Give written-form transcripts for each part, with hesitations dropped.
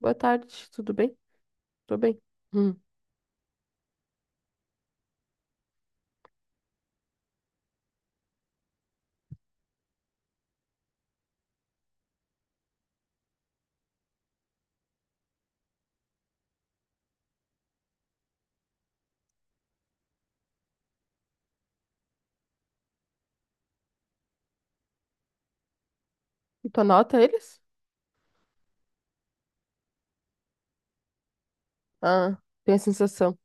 Boa tarde, tudo bem? Tô bem. Hum. E tu anota eles? Ah, tem a sensação.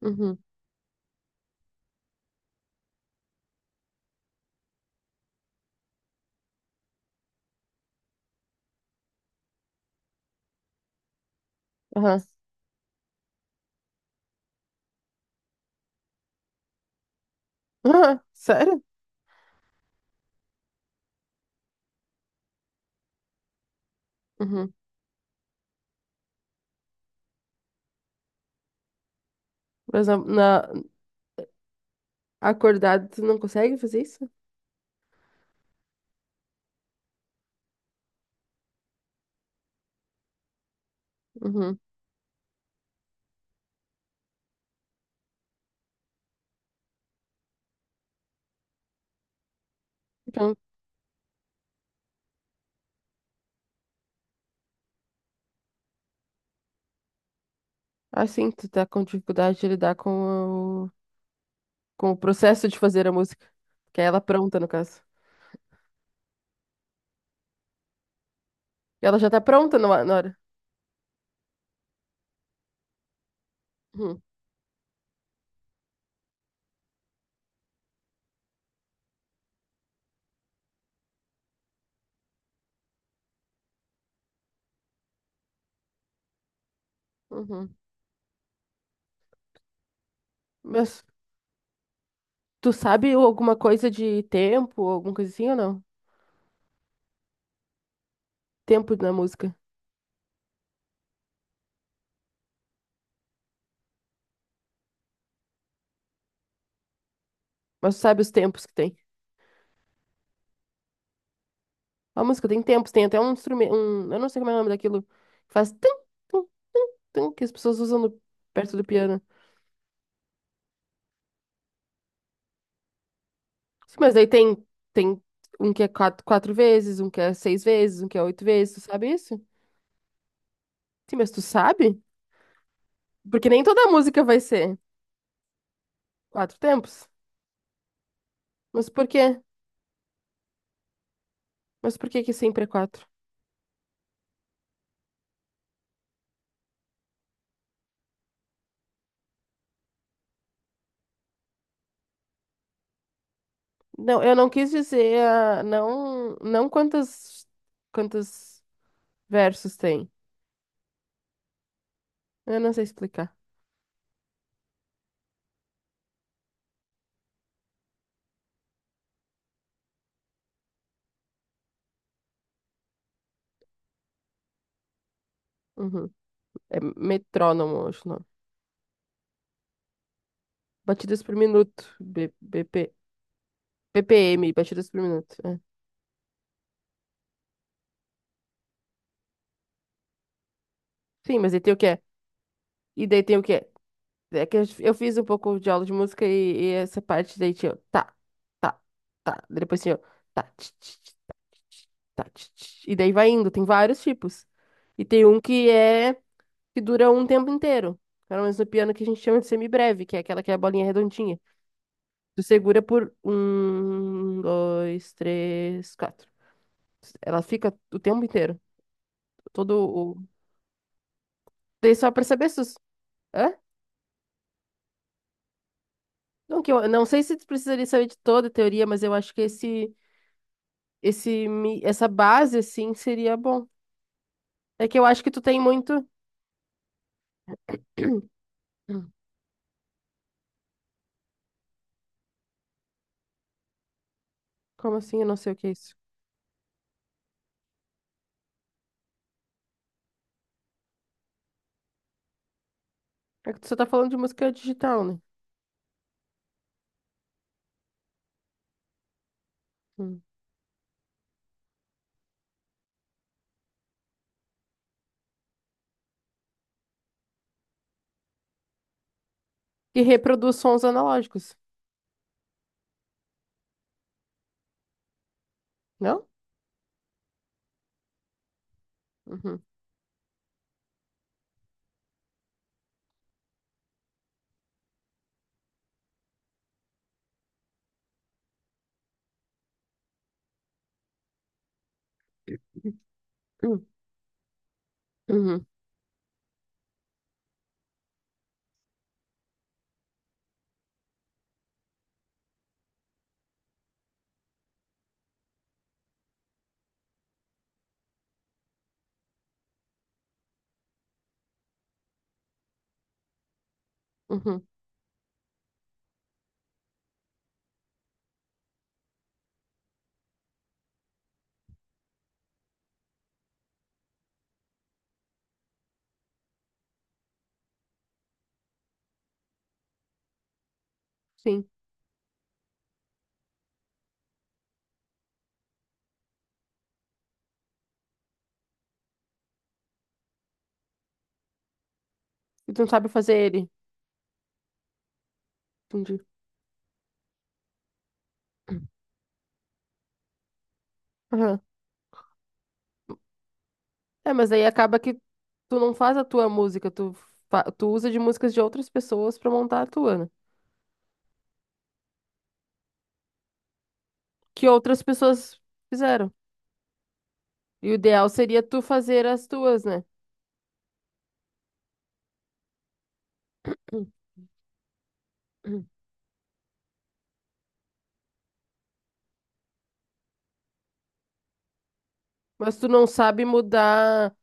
Uhum. Aham. Ah, sério? Uhum. Mas na- acordado, tu não consegue fazer isso? Uhum. Então, assim, tu tá com dificuldade de lidar com o processo de fazer a música. Que é ela pronta, no caso. E ela já tá pronta na hora. Uhum. Uhum. Mas tu sabe alguma coisa de tempo, alguma coisa assim ou não? Tempo na música. Mas tu sabe os tempos que tem. A música tem tempos, tem até um instrumento, um, eu não sei como é o nome daquilo, que faz tum, tum, tum, tum, que as pessoas usam no- perto do piano. Sim, mas aí tem um que é quatro, quatro vezes, um que é seis vezes, um que é oito vezes, tu sabe isso? Sim, mas tu sabe? Porque nem toda música vai ser quatro tempos. Mas por quê? Mas por que que sempre é quatro? Não, eu não quis dizer, ah, não, quantos versos tem. Eu não sei explicar. Uhum. É metrônomo, acho, não. Batidas por minuto. B- BP, BPM, batidas por minuto. É. Sim, mas aí tem o que é? E daí tem o que é? É que eu fiz um pouco de aula de música e essa parte daí tinha. O tá, tá, tá. Depois tinha. O tá, tch, tch, tch, tá, tch, tch, tá, tch, tch. E daí vai indo. Tem vários tipos. E tem um que é. Que dura um tempo inteiro. Pelo menos no piano que a gente chama de semibreve, que é aquela que é a bolinha redondinha. Tu segura por um, dois, três, quatro. Ela fica o tempo inteiro. Todo. Daí só pra saber se... os- Hã? Não, que eu, não sei se tu precisaria saber de toda a teoria, mas eu acho que essa base, assim, seria bom. É que eu acho que tu tem muito... Hum. Como assim? Eu não sei o que é isso. É que tu só tá falando de música digital, né? Hum. Que reproduz sons analógicos, não? Uhum. Uhum. Uhum. Uhum. Sim. E tu não sabe fazer ele. Entendi. Aham. É, mas aí acaba que tu não faz a tua música, tu, fa- tu usa de músicas de outras pessoas pra montar a tua, né? Que outras pessoas fizeram. E o ideal seria tu fazer as tuas, né? Mas tu não sabe mudar,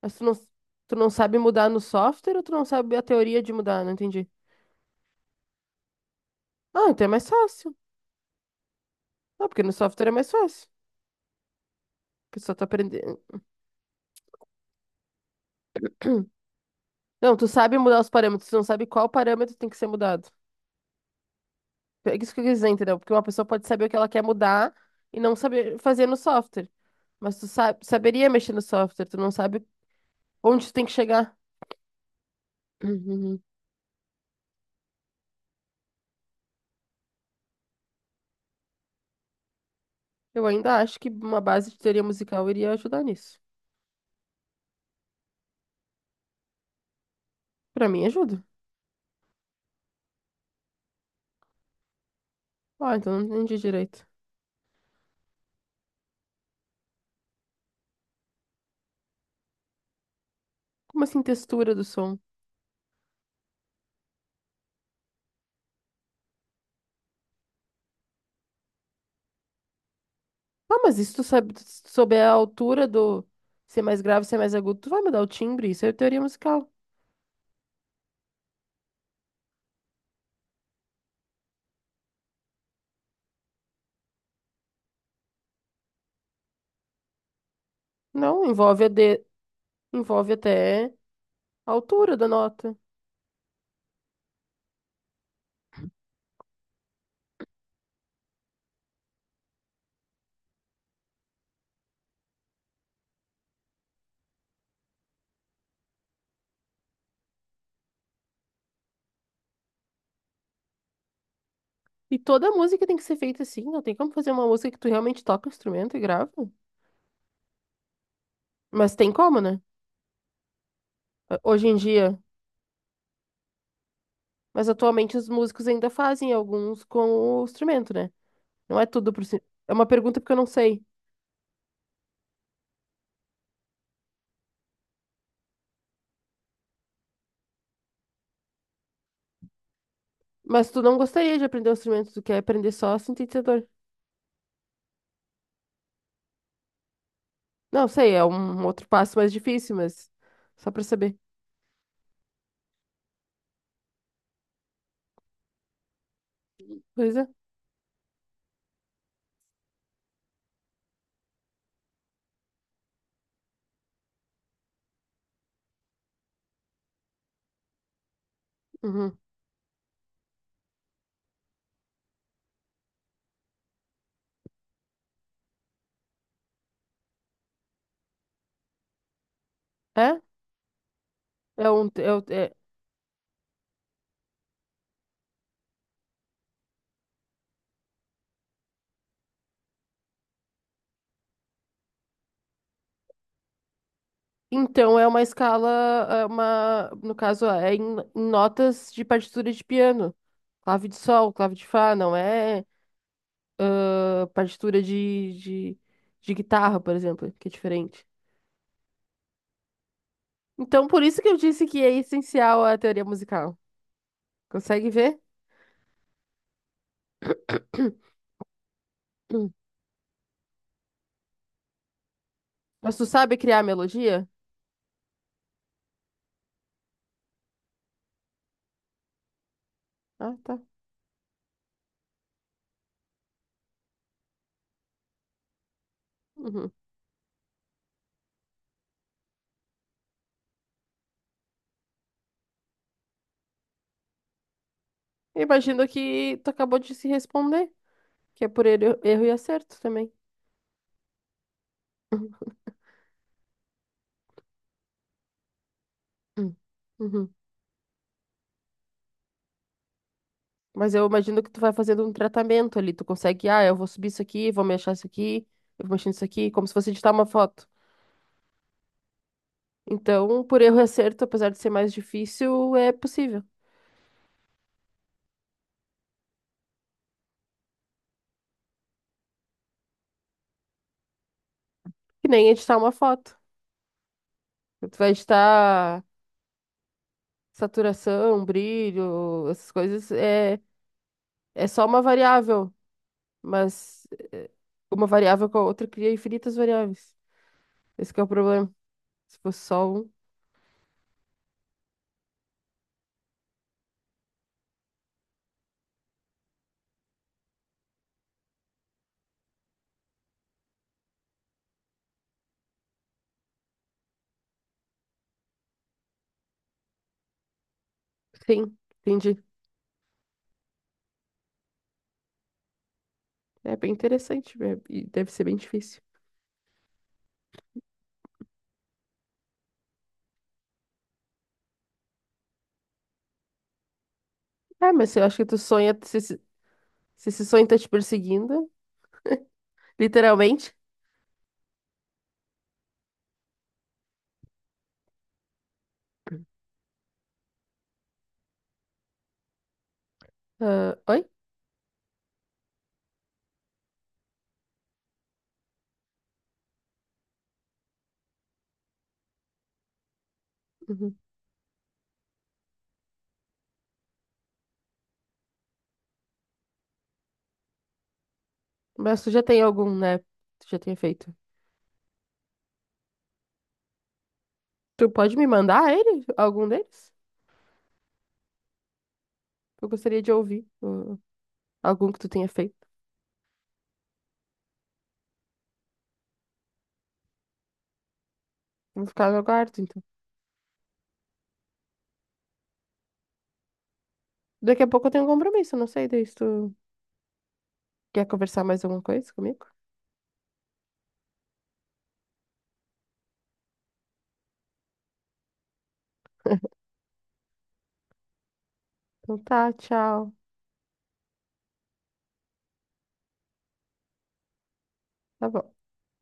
mas tu não sabe mudar no software ou tu não sabe a teoria de mudar? Não entendi. Ah, então é mais fácil. Ah, porque no software é mais fácil. Porque só tu aprendendo. Não, tu sabe mudar os parâmetros, tu não sabe qual parâmetro tem que ser mudado. É isso que eu quis dizer, entendeu? Porque uma pessoa pode saber o que ela quer mudar e não saber fazer no software. Mas tu sabe, saberia mexer no software, tu não sabe onde tu tem que chegar. Eu ainda acho que uma base de teoria musical iria ajudar nisso. Pra mim, ajuda. Ah, então não entendi direito. Como assim, textura do som? Ah, mas isso tu sabe, se tu souber a altura do ser mais grave, ser mais agudo, tu vai mudar o timbre. Isso é teoria musical. Não, envolve a de... envolve até a altura da nota. E toda música tem que ser feita assim. Não tem como fazer uma música que tu realmente toca o instrumento e grava. Mas tem como, né? Hoje em dia. Mas atualmente os músicos ainda fazem alguns com o instrumento, né? Não é tudo pro cin- É uma pergunta porque eu não sei. Mas tu não gostaria de aprender o instrumento, tu quer aprender só sintetizador. Não, sei, é um um outro passo mais difícil, mas só pra saber. Pois é. Uhum. É? É um, é, o- é- Então é uma escala, é uma, no caso, é em, em notas de partitura de piano. Clave de sol, clave de fá, não é ah, partitura de guitarra, por exemplo, que é diferente. Então, por isso que eu disse que é essencial a teoria musical. Consegue ver? Mas tu sabe criar melodia? Ah, tá. Uhum. Imagino que tu acabou de se responder, que é por erro, erro e acerto também. Hum. Uhum. Mas eu imagino que tu vai fazendo um tratamento ali. Tu consegue, ah, eu vou subir isso aqui, vou mexer isso aqui, eu vou mexer isso aqui, como se fosse editar uma foto. Então, por erro e acerto, apesar de ser mais difícil, é possível. Que nem editar uma foto. Tu vai editar saturação, brilho, essas coisas, é, é só uma variável. Mas eh, uma variável com a outra cria infinitas variáveis. Esse que é o problema. Se fosse só um, sim, entendi. É bem interessante, né? E deve ser bem difícil. Ah, mas eu acho que tu sonha, se esse sonho tá te perseguindo, literalmente. Ah, oi? Uhum. Mas tu já tem algum, né? Tu já tem feito. Tu pode me mandar ele? Algum deles? Eu gostaria de ouvir algum que tu tenha feito. Vou ficar no aguardo, então. Daqui a pouco eu tenho um compromisso, não sei, daí se tu quer conversar mais alguma coisa comigo? Então tá, tchau. Tá bom.